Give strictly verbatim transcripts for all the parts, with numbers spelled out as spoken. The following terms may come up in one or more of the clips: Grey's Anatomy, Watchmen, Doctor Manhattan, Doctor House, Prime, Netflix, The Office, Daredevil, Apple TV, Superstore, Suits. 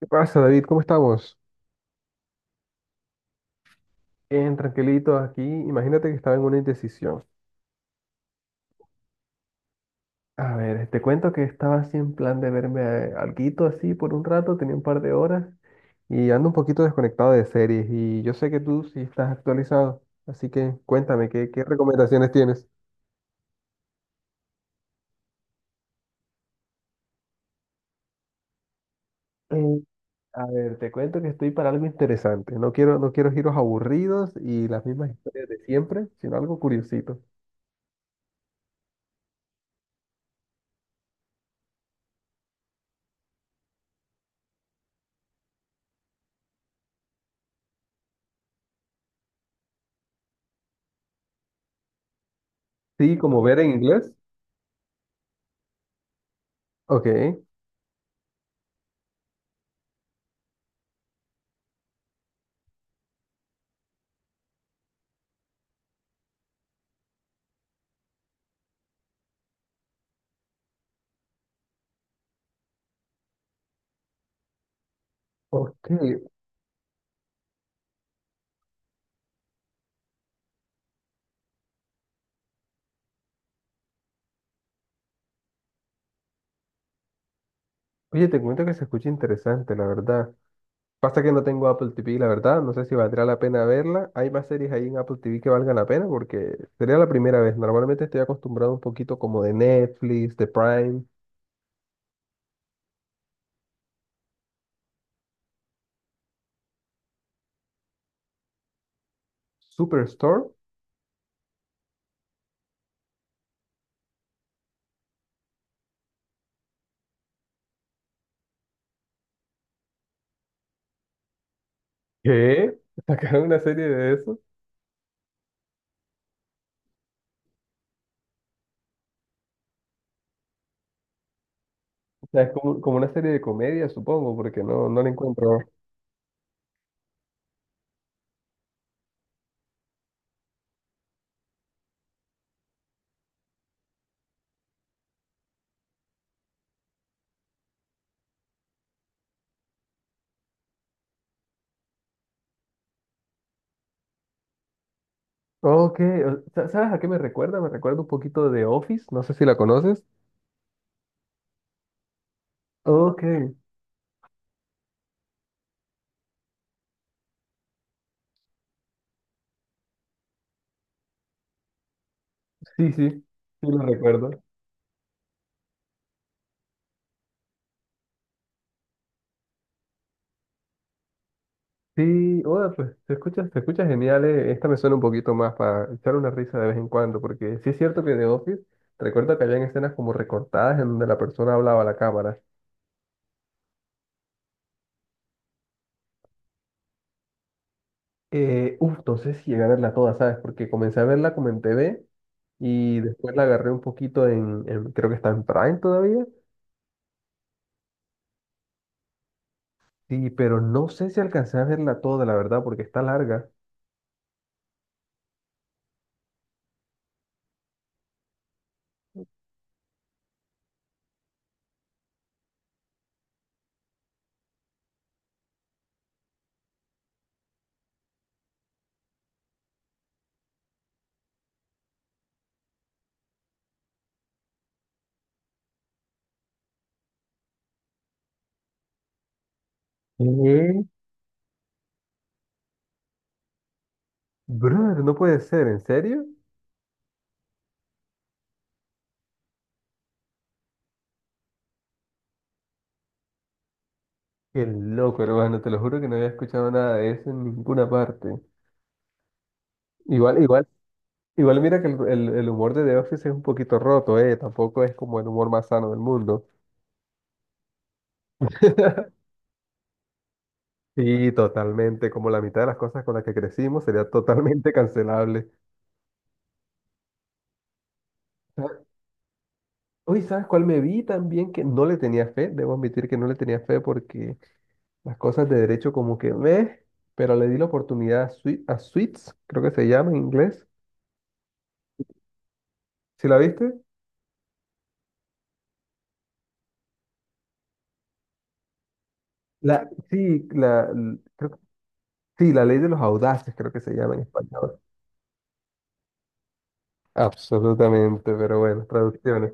¿Qué pasa, David? ¿Cómo estamos? Bien, tranquilito aquí. Imagínate que estaba en una indecisión. A ver, te cuento que estaba así en plan de verme eh, alguito así por un rato, tenía un par de horas y ando un poquito desconectado de series, y yo sé que tú sí estás actualizado, así que cuéntame, ¿qué, qué recomendaciones tienes? Eh, a ver, te cuento que estoy para algo interesante. No quiero, no quiero giros aburridos y las mismas historias de siempre, sino algo curiosito. Sí, como Ver en inglés. Ok. Ok, oye, te cuento que se escucha interesante, la verdad. Pasa que no tengo Apple T V, la verdad. No sé si valdrá la pena verla. ¿Hay más series ahí en Apple T V que valgan la pena? Porque sería la primera vez. Normalmente estoy acostumbrado un poquito como de Netflix, de Prime. Superstore. ¿Qué? ¿Sacaron una serie de eso? O sea, es como, como, una serie de comedia, supongo, porque no, no la encuentro. Ok, o- sa- ¿sabes a qué me recuerda? Me recuerda un poquito de Office. No sé si la conoces. Ok, sí, sí, sí, lo recuerdo. Sí, hola, pues se escucha, se escucha genial. eh, Esta me suena un poquito más para echar una risa de vez en cuando, porque sí es cierto que The Office, recuerdo que habían escenas como recortadas en donde la persona hablaba a la cámara. Eh, uf, no sé si llegué a verla toda, ¿sabes? Porque comencé a verla como en T V y después la agarré un poquito en, en- creo que está en Prime todavía. Sí, pero no sé si alcancé a verla toda, la verdad, porque está larga. ¿Qué? Brother, no puede ser, ¿en serio? Qué loco, hermano, te lo juro que no había escuchado nada de eso en ninguna parte. Igual, igual, igual, mira que el, el- el humor de The Office es un poquito roto, ¿eh? Tampoco es como el humor más sano del mundo. Sí, totalmente. Como la mitad de las cosas con las que crecimos sería totalmente cancelable. Sa- Uy, ¿sabes cuál me vi también que no le tenía fe? Debo admitir que no le tenía fe porque las cosas de derecho como que me... Pero le di la oportunidad a, Sui- a Suits, creo que se llama en inglés. ¿Sí la viste? La, sí, la, l- creo- sí, la ley de los audaces creo que se llama en español. Absolutamente, pero bueno, traducciones.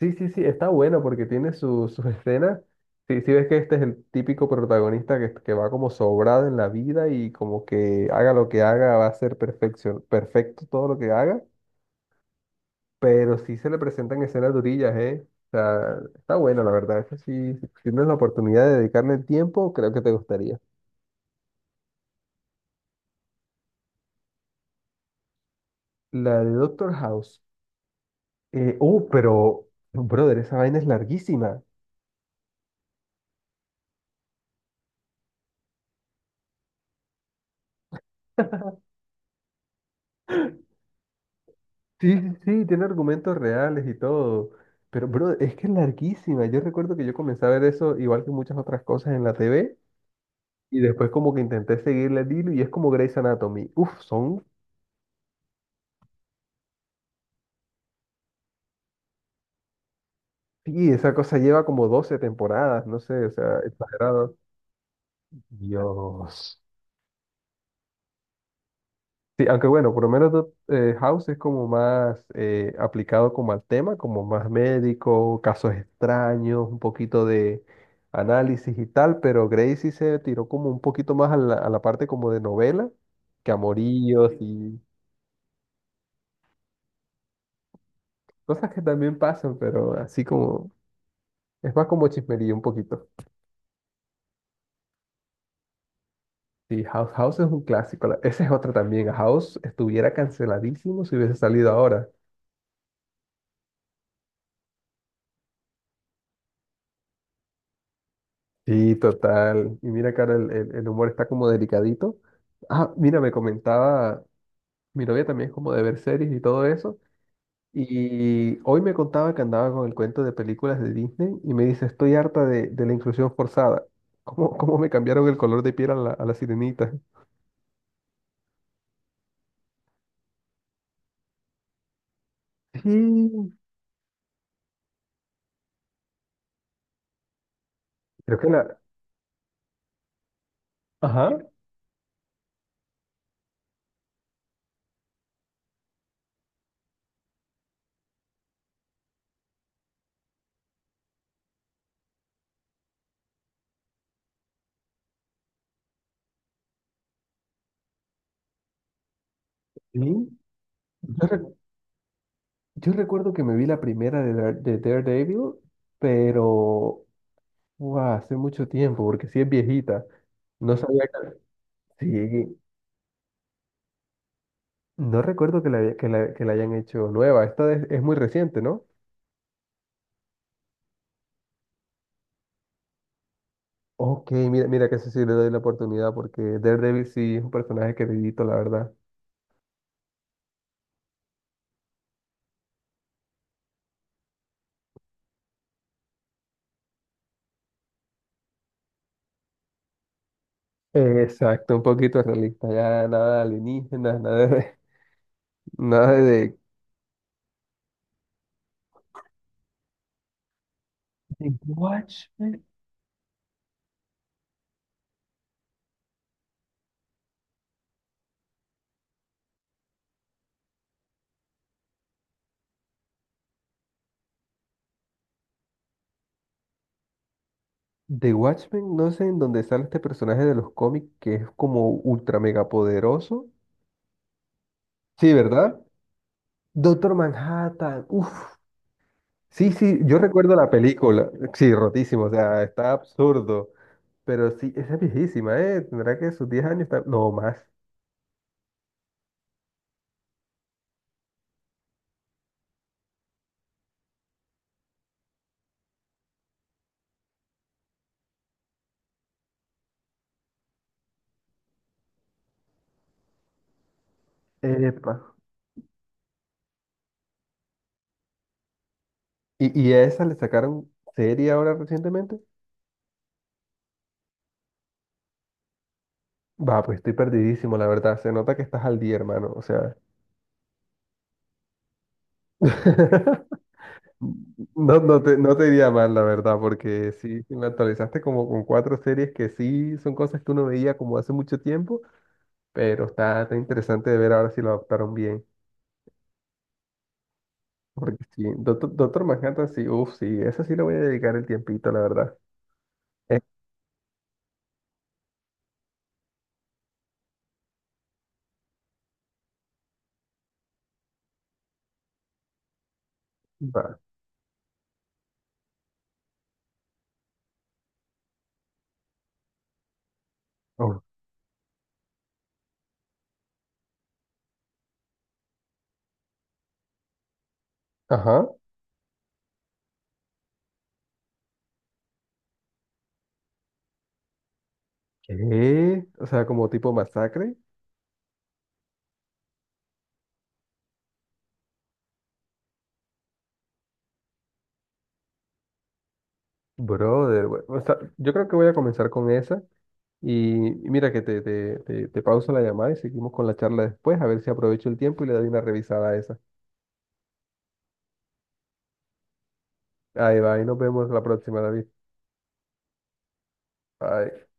Sí, sí, sí, está bueno porque tiene su- sus escenas. Sí, sí ves que este es el típico protagonista que, que va como sobrado en la vida, y como que haga lo que haga va a ser perfección, perfecto todo lo que haga, pero sí se le presentan escenas durillas, ¿eh? O sea, está bueno, la verdad. Eso sí, si tienes la oportunidad de dedicarle el tiempo, creo que te gustaría. La de Doctor House. Eh, uh, pero, brother, esa vaina es larguísima. Sí, sí, sí, tiene argumentos reales y todo. Pero, bro, es que es larguísima. Yo recuerdo que yo comencé a ver eso igual que muchas otras cosas en la T V, y después como que intenté seguirle el hilo, y es como Grey's Anatomy. Uf, son... Sí, esa cosa lleva como doce temporadas, no sé, o sea, exagerado. Dios. Sí, aunque bueno, por lo menos Do- eh, House es como más eh, aplicado como al tema, como más médico, casos extraños, un poquito de análisis y tal, pero Grey sí se tiró como un poquito más a la, a la parte como de novela, que amoríos. Sí. Y cosas que también pasan, pero así como, es más como chismería un poquito. Sí, House, House es un clásico. La- esa es otra también, House estuviera canceladísimo si hubiese salido ahora. Sí, total. Y mira, cara, el, el- el humor está como delicadito. Ah, mira, me comentaba, mi novia también es como de ver series y todo eso. Y hoy me contaba que andaba con el cuento de películas de Disney, y me dice, estoy harta de, de la inclusión forzada. ¿Cómo, cómo me cambiaron el color de piel a la, a la sirenita? Sí, creo que la... Ajá. Sí. Yo, re- yo recuerdo que me vi la primera de, Dare- de Daredevil, pero... guau, hace mucho tiempo, porque sí es viejita. No sabía. Sí, no recuerdo que la, haya- que la, que la hayan hecho nueva. Esta es, es muy reciente, ¿no? Ok, mira, mira que eso sí le doy la oportunidad, porque Daredevil sí es un personaje queridito, la verdad. Exacto, un poquito realista, ya nada de alienígenas, nada de, nada de... de Watchmen. De Watchmen, no sé en dónde sale este personaje de los cómics que es como ultra mega poderoso. Sí, ¿verdad? Doctor Manhattan, uff. Sí, sí, yo recuerdo la película. Sí, rotísimo, o sea, está absurdo. Pero sí, esa es viejísima, ¿eh? Tendrá que sus diez años, tam- no más. Epa. ¿Y, y a esa le sacaron serie ahora recientemente? Va, pues estoy perdidísimo, la verdad. Se nota que estás al día, hermano. O sea, no, no te, no te iría mal, la verdad, porque sí, sí me actualizaste como con cuatro series que sí son cosas que uno veía como hace mucho tiempo, pero está, está interesante de ver ahora si lo adaptaron bien. Porque sí, Doctor, Doctor Manhattan, sí, uff, sí, esa sí le voy a dedicar el tiempito, la verdad. Eh, va. Uf. Ajá. ¿Qué? O sea, como tipo masacre. Brother, we- o sea, yo creo que voy a comenzar con esa. Y, y mira que te, te, te, te pauso la llamada y seguimos con la charla después, a ver si aprovecho el tiempo y le doy una revisada a esa. Ahí va, y nos vemos la próxima, David. Bye.